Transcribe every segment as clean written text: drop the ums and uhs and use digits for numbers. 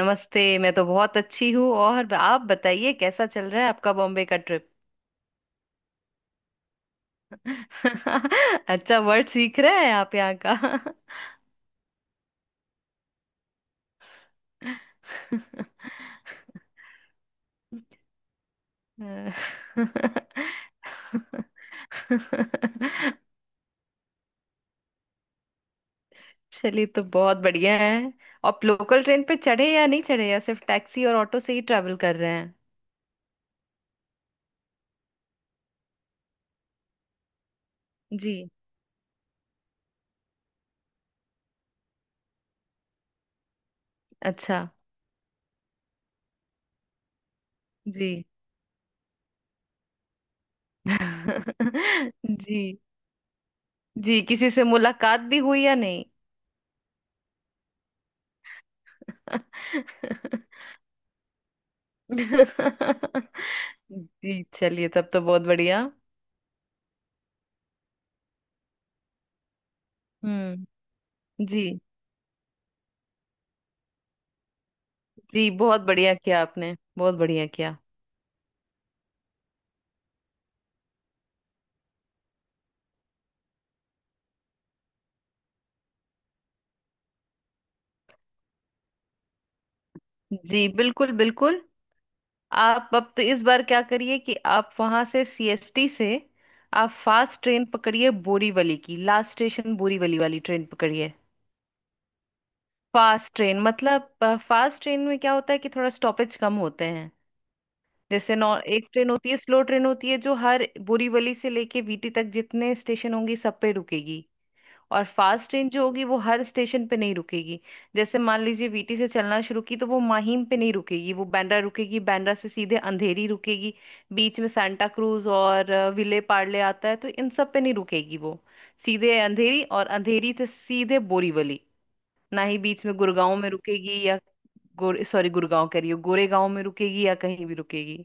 नमस्ते, मैं तो बहुत अच्छी हूँ। और आप बताइए कैसा चल रहा है आपका बॉम्बे का ट्रिप। अच्छा, वर्ड सीख रहे हैं आप यहाँ का। चलिए, तो बहुत बढ़िया है। आप लोकल ट्रेन पे चढ़े या नहीं चढ़े, या सिर्फ टैक्सी और ऑटो से ही ट्रैवल कर रहे हैं? जी। अच्छा। जी। जी। जी किसी से मुलाकात भी हुई या नहीं? जी। चलिए, तब तो बहुत बढ़िया। हम्म। जी। जी बहुत बढ़िया किया आपने, बहुत बढ़िया किया। जी बिल्कुल बिल्कुल। आप अब तो इस बार क्या करिए कि आप वहां से सीएसटी से आप फास्ट ट्रेन पकड़िए बोरीवली की। लास्ट स्टेशन बोरीवली वाली ट्रेन पकड़िए। फास्ट ट्रेन मतलब फास्ट ट्रेन में क्या होता है कि थोड़ा स्टॉपेज कम होते हैं। जैसे नॉ एक ट्रेन होती है, स्लो ट्रेन होती है, जो हर बोरीवली से लेके वीटी तक जितने स्टेशन होंगे सब पे रुकेगी। और फास्ट ट्रेन जो होगी वो हर स्टेशन पे नहीं रुकेगी। जैसे मान लीजिए, वीटी से चलना शुरू की तो वो माहिम पे नहीं रुकेगी, वो बांद्रा रुकेगी। बांद्रा से सीधे अंधेरी रुकेगी। बीच में सांता क्रूज और विले पार्ले आता है, तो इन सब पे नहीं रुकेगी वो। सीधे अंधेरी, और अंधेरी से सीधे बोरीवली। ना ही बीच में गुड़गांव में रुकेगी, या गोरे, सॉरी, गुड़गांव कह रही हूँ, गोरेगांव में रुकेगी या कहीं भी रुकेगी।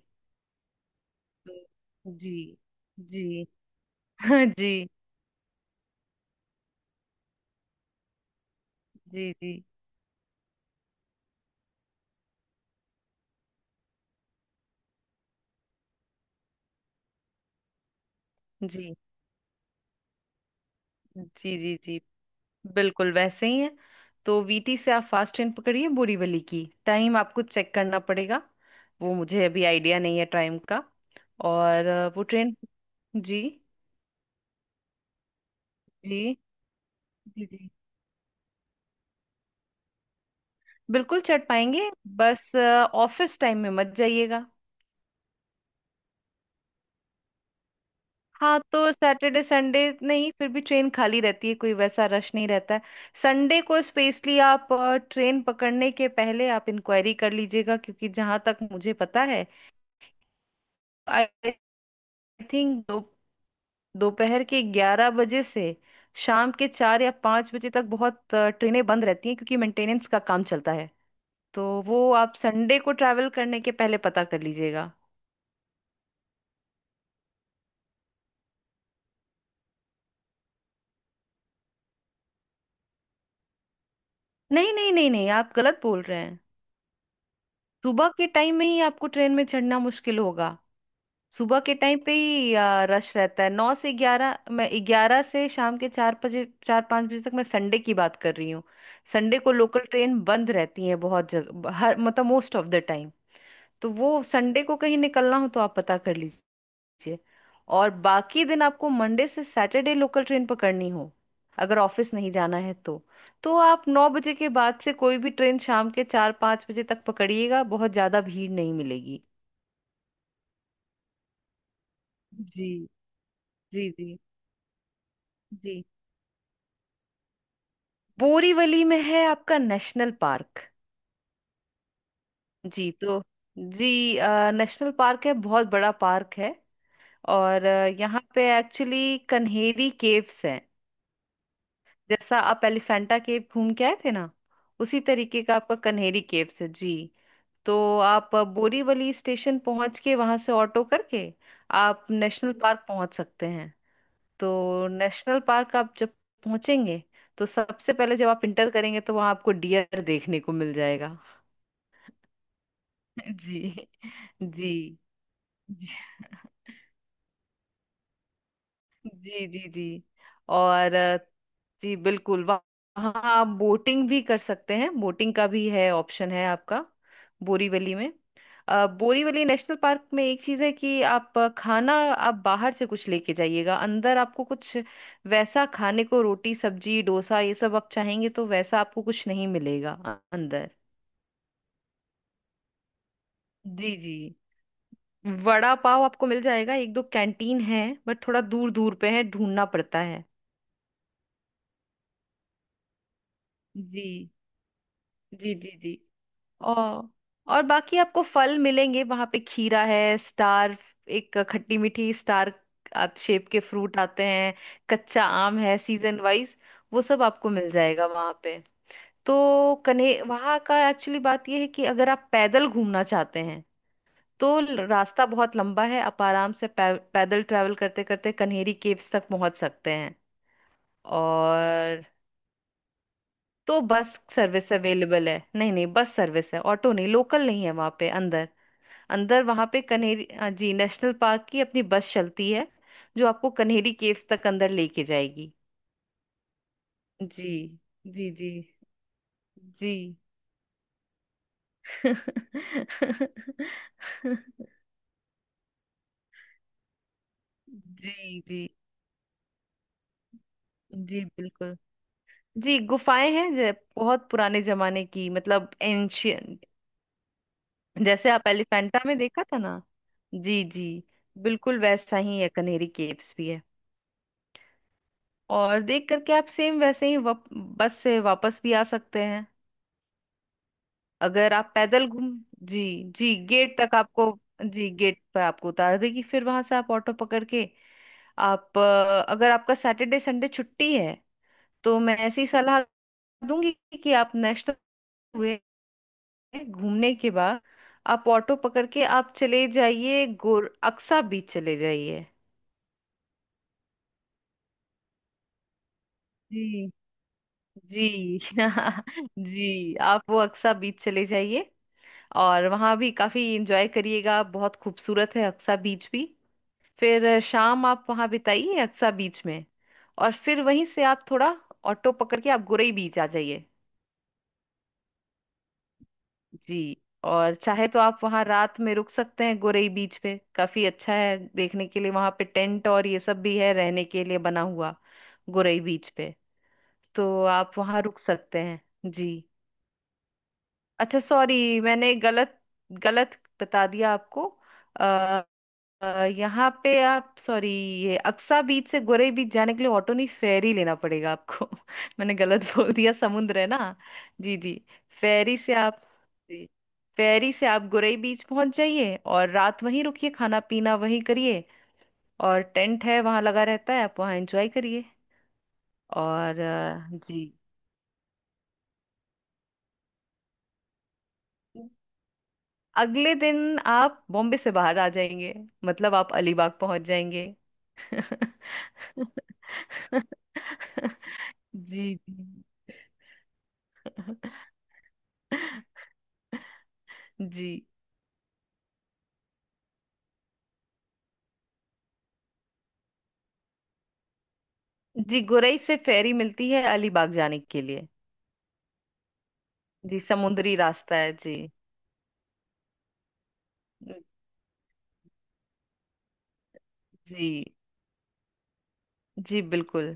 तो जी। जी। जी जी जी जी जी जी जी। जी बिल्कुल वैसे ही है। तो वीटी से आप फास्ट ट्रेन पकड़िए बोरीवली की। टाइम आपको चेक करना पड़ेगा, वो मुझे अभी आइडिया नहीं है टाइम का। और वो ट्रेन। जी जी जी। जी बिल्कुल चढ़ पाएंगे। बस ऑफिस टाइम में मत जाइएगा। हाँ, तो सैटरडे संडे नहीं, फिर भी ट्रेन खाली रहती है, कोई वैसा रश नहीं रहता है। संडे को स्पेशली आप ट्रेन पकड़ने के पहले आप इंक्वायरी कर लीजिएगा, क्योंकि जहाँ तक मुझे पता है, आई थिंक दोपहर के 11 बजे से शाम के 4 या 5 बजे तक बहुत ट्रेनें बंद रहती हैं, क्योंकि मेंटेनेंस का काम चलता है। तो वो आप संडे को ट्रैवल करने के पहले पता कर लीजिएगा। नहीं नहीं नहीं नहीं, आप गलत बोल रहे हैं। सुबह के टाइम में ही आपको ट्रेन में चढ़ना मुश्किल होगा। सुबह के टाइम पे ही रश रहता है, 9 से 11। मैं 11 से शाम के 4 बजे, 4-5 बजे तक, मैं संडे की बात कर रही हूँ। संडे को लोकल ट्रेन बंद रहती है बहुत जगह, हर मतलब, मोस्ट ऑफ द टाइम। तो वो संडे को कहीं निकलना हो तो आप पता कर लीजिए। और बाकी दिन आपको मंडे से सैटरडे लोकल ट्रेन पकड़नी हो, अगर ऑफिस नहीं जाना है तो आप 9 बजे के बाद से कोई भी ट्रेन शाम के 4-5 बजे तक पकड़िएगा, बहुत ज्यादा भीड़ नहीं मिलेगी। जी। जी जी जी। बोरीवली में है आपका नेशनल पार्क। जी तो जी नेशनल पार्क है, बहुत बड़ा पार्क है। और यहाँ पे एक्चुअली कन्हेरी केव्स हैं। जैसा आप एलिफेंटा केव घूम के आए थे ना, उसी तरीके का आपका कन्हेरी केव्स है जी। तो आप बोरीवली स्टेशन पहुंच के वहां से ऑटो करके आप नेशनल पार्क पहुंच सकते हैं। तो नेशनल पार्क आप जब पहुंचेंगे, तो सबसे पहले जब आप इंटर करेंगे तो वहां आपको डियर देखने को मिल जाएगा। जी जी जी जी जी जी। और जी बिल्कुल, वहाँ आप बोटिंग भी कर सकते हैं, बोटिंग का भी है, ऑप्शन है आपका बोरीवली में। बोरीवली नेशनल पार्क में एक चीज़ है कि आप खाना आप बाहर से कुछ लेके जाइएगा, अंदर आपको कुछ वैसा खाने को, रोटी सब्जी डोसा ये सब आप चाहेंगे तो वैसा आपको कुछ नहीं मिलेगा अंदर। जी जी। वड़ा पाव आपको मिल जाएगा, एक दो कैंटीन है। बट थोड़ा दूर दूर पे है, ढूंढना पड़ता है। जी जी जी जी। और और बाकी आपको फल मिलेंगे वहां पे। खीरा है, स्टार, एक खट्टी मीठी स्टार शेप के फ्रूट आते हैं। कच्चा आम है सीजन वाइज। वो सब आपको मिल जाएगा वहां पे। तो कन्हे वहां का एक्चुअली बात यह है कि अगर आप पैदल घूमना चाहते हैं तो रास्ता बहुत लंबा है। आप आराम से पैदल ट्रैवल करते करते कन्हेरी केव्स तक पहुंच सकते हैं। और तो बस सर्विस अवेलेबल है। नहीं नहीं, बस सर्विस है, ऑटो नहीं, लोकल नहीं है वहां पे अंदर। अंदर वहां पे कन्हेरी, हाँ जी, नेशनल पार्क की अपनी बस चलती है जो आपको कन्हेरी केव्स तक अंदर लेके जाएगी। जी जी जी जी जी जी जी बिल्कुल। जी गुफाएं हैं, बहुत पुराने जमाने की, मतलब एंशियंट। जैसे आप एलिफेंटा में देखा था ना, जी जी बिल्कुल वैसा ही है कनेरी केव्स भी है। और देख करके आप सेम वैसे ही बस से वापस भी आ सकते हैं। अगर आप पैदल घूम, जी, जी गेट तक आपको, जी गेट पर आपको उतार देगी, फिर वहां से आप ऑटो पकड़ के। आप अगर आपका सैटरडे संडे छुट्टी है तो मैं ऐसी सलाह दूंगी कि आप नेशनल हुए घूमने के बाद आप ऑटो पकड़ के आप चले जाइए, गोर अक्सा बीच चले जाइए। जी जी जी। आप वो अक्सा बीच चले जाइए, और वहां भी काफी एंजॉय करिएगा, बहुत खूबसूरत है अक्सा बीच भी। फिर शाम आप वहां बिताइए अक्सा बीच में। और फिर वहीं से आप थोड़ा ऑटो पकड़ के आप गुरई बीच आ जाइए। जी। और चाहे तो आप वहां रात में रुक सकते हैं गुरई बीच पे, काफी अच्छा है देखने के लिए। वहां पे टेंट और ये सब भी है रहने के लिए बना हुआ गुरई बीच पे। तो आप वहां रुक सकते हैं। जी। अच्छा सॉरी, मैंने गलत गलत बता दिया आपको। अ, यहाँ पे आप, सॉरी, ये अक्सा बीच से गोरे बीच जाने के लिए ऑटो नहीं, फेरी लेना पड़ेगा आपको। मैंने गलत बोल दिया, समुद्र है ना। जी जी। फेरी से आप, जी, फेरी से आप गोरे बीच पहुंच जाइए, और रात वहीं रुकिए, खाना पीना वहीं करिए, और टेंट है वहां लगा रहता है, आप वहां एंजॉय करिए। और जी अगले दिन आप बॉम्बे से बाहर आ जाएंगे, मतलब आप अलीबाग पहुंच जाएंगे। जी जी जी। जी गुरई से फेरी मिलती है अलीबाग जाने के लिए। जी समुद्री रास्ता है जी। जी जी बिल्कुल।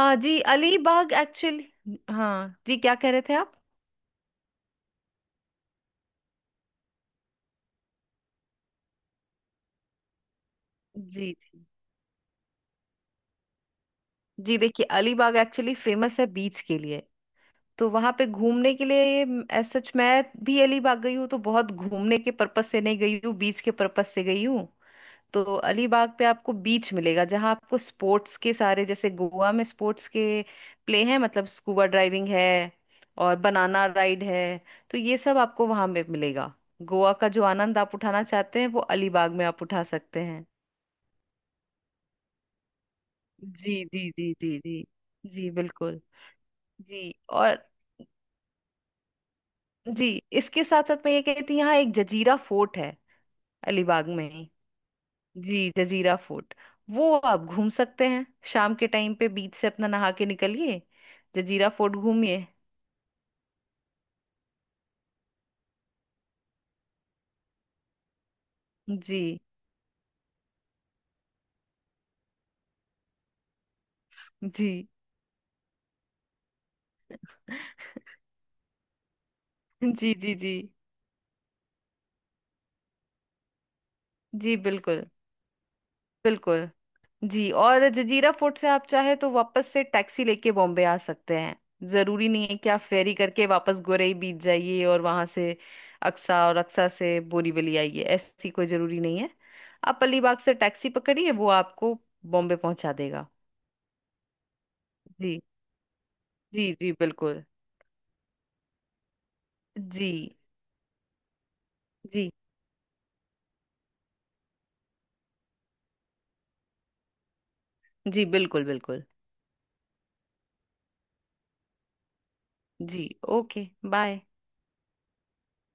आ जी अलीबाग एक्चुअली, हाँ जी, क्या कह रहे थे आप? जी। जी जी देखिए, अलीबाग एक्चुअली फेमस है बीच के लिए। तो वहां पे घूमने के लिए, एज सच मैं भी अलीबाग गई हूँ तो बहुत घूमने के पर्पस से नहीं गई हूँ, बीच के पर्पस से गई हूँ। तो अलीबाग पे आपको बीच मिलेगा, जहाँ आपको स्पोर्ट्स के सारे, जैसे गोवा में स्पोर्ट्स के प्ले हैं, मतलब स्कूबा ड्राइविंग है और बनाना राइड है। तो ये सब आपको वहां में मिलेगा। गोवा का जो आनंद आप उठाना चाहते हैं वो अलीबाग में आप उठा सकते हैं। जी जी जी जी जी। जी बिल्कुल। जी और जी, इसके साथ साथ मैं ये कहती, यहाँ एक जजीरा फोर्ट है अलीबाग में ही। जी जजीरा फोर्ट, वो आप घूम सकते हैं। शाम के टाइम पे बीच से अपना नहा के निकलिए, जजीरा फोर्ट घूमिए। जी जी जी जी। जी जी बिल्कुल बिल्कुल। जी और जजीरा फोर्ट से आप चाहे तो वापस से टैक्सी लेके बॉम्बे आ सकते हैं। जरूरी नहीं है कि आप फेरी करके वापस गोरई बीच जाइए और वहां से अक्सा, और अक्सा से बोरीवली आइए, ऐसी कोई जरूरी नहीं है। आप अलीबाग से टैक्सी पकड़िए, वो आपको बॉम्बे पहुंचा देगा। जी जी जी बिल्कुल। जी जी। जी बिल्कुल बिल्कुल। जी। Okay, bye.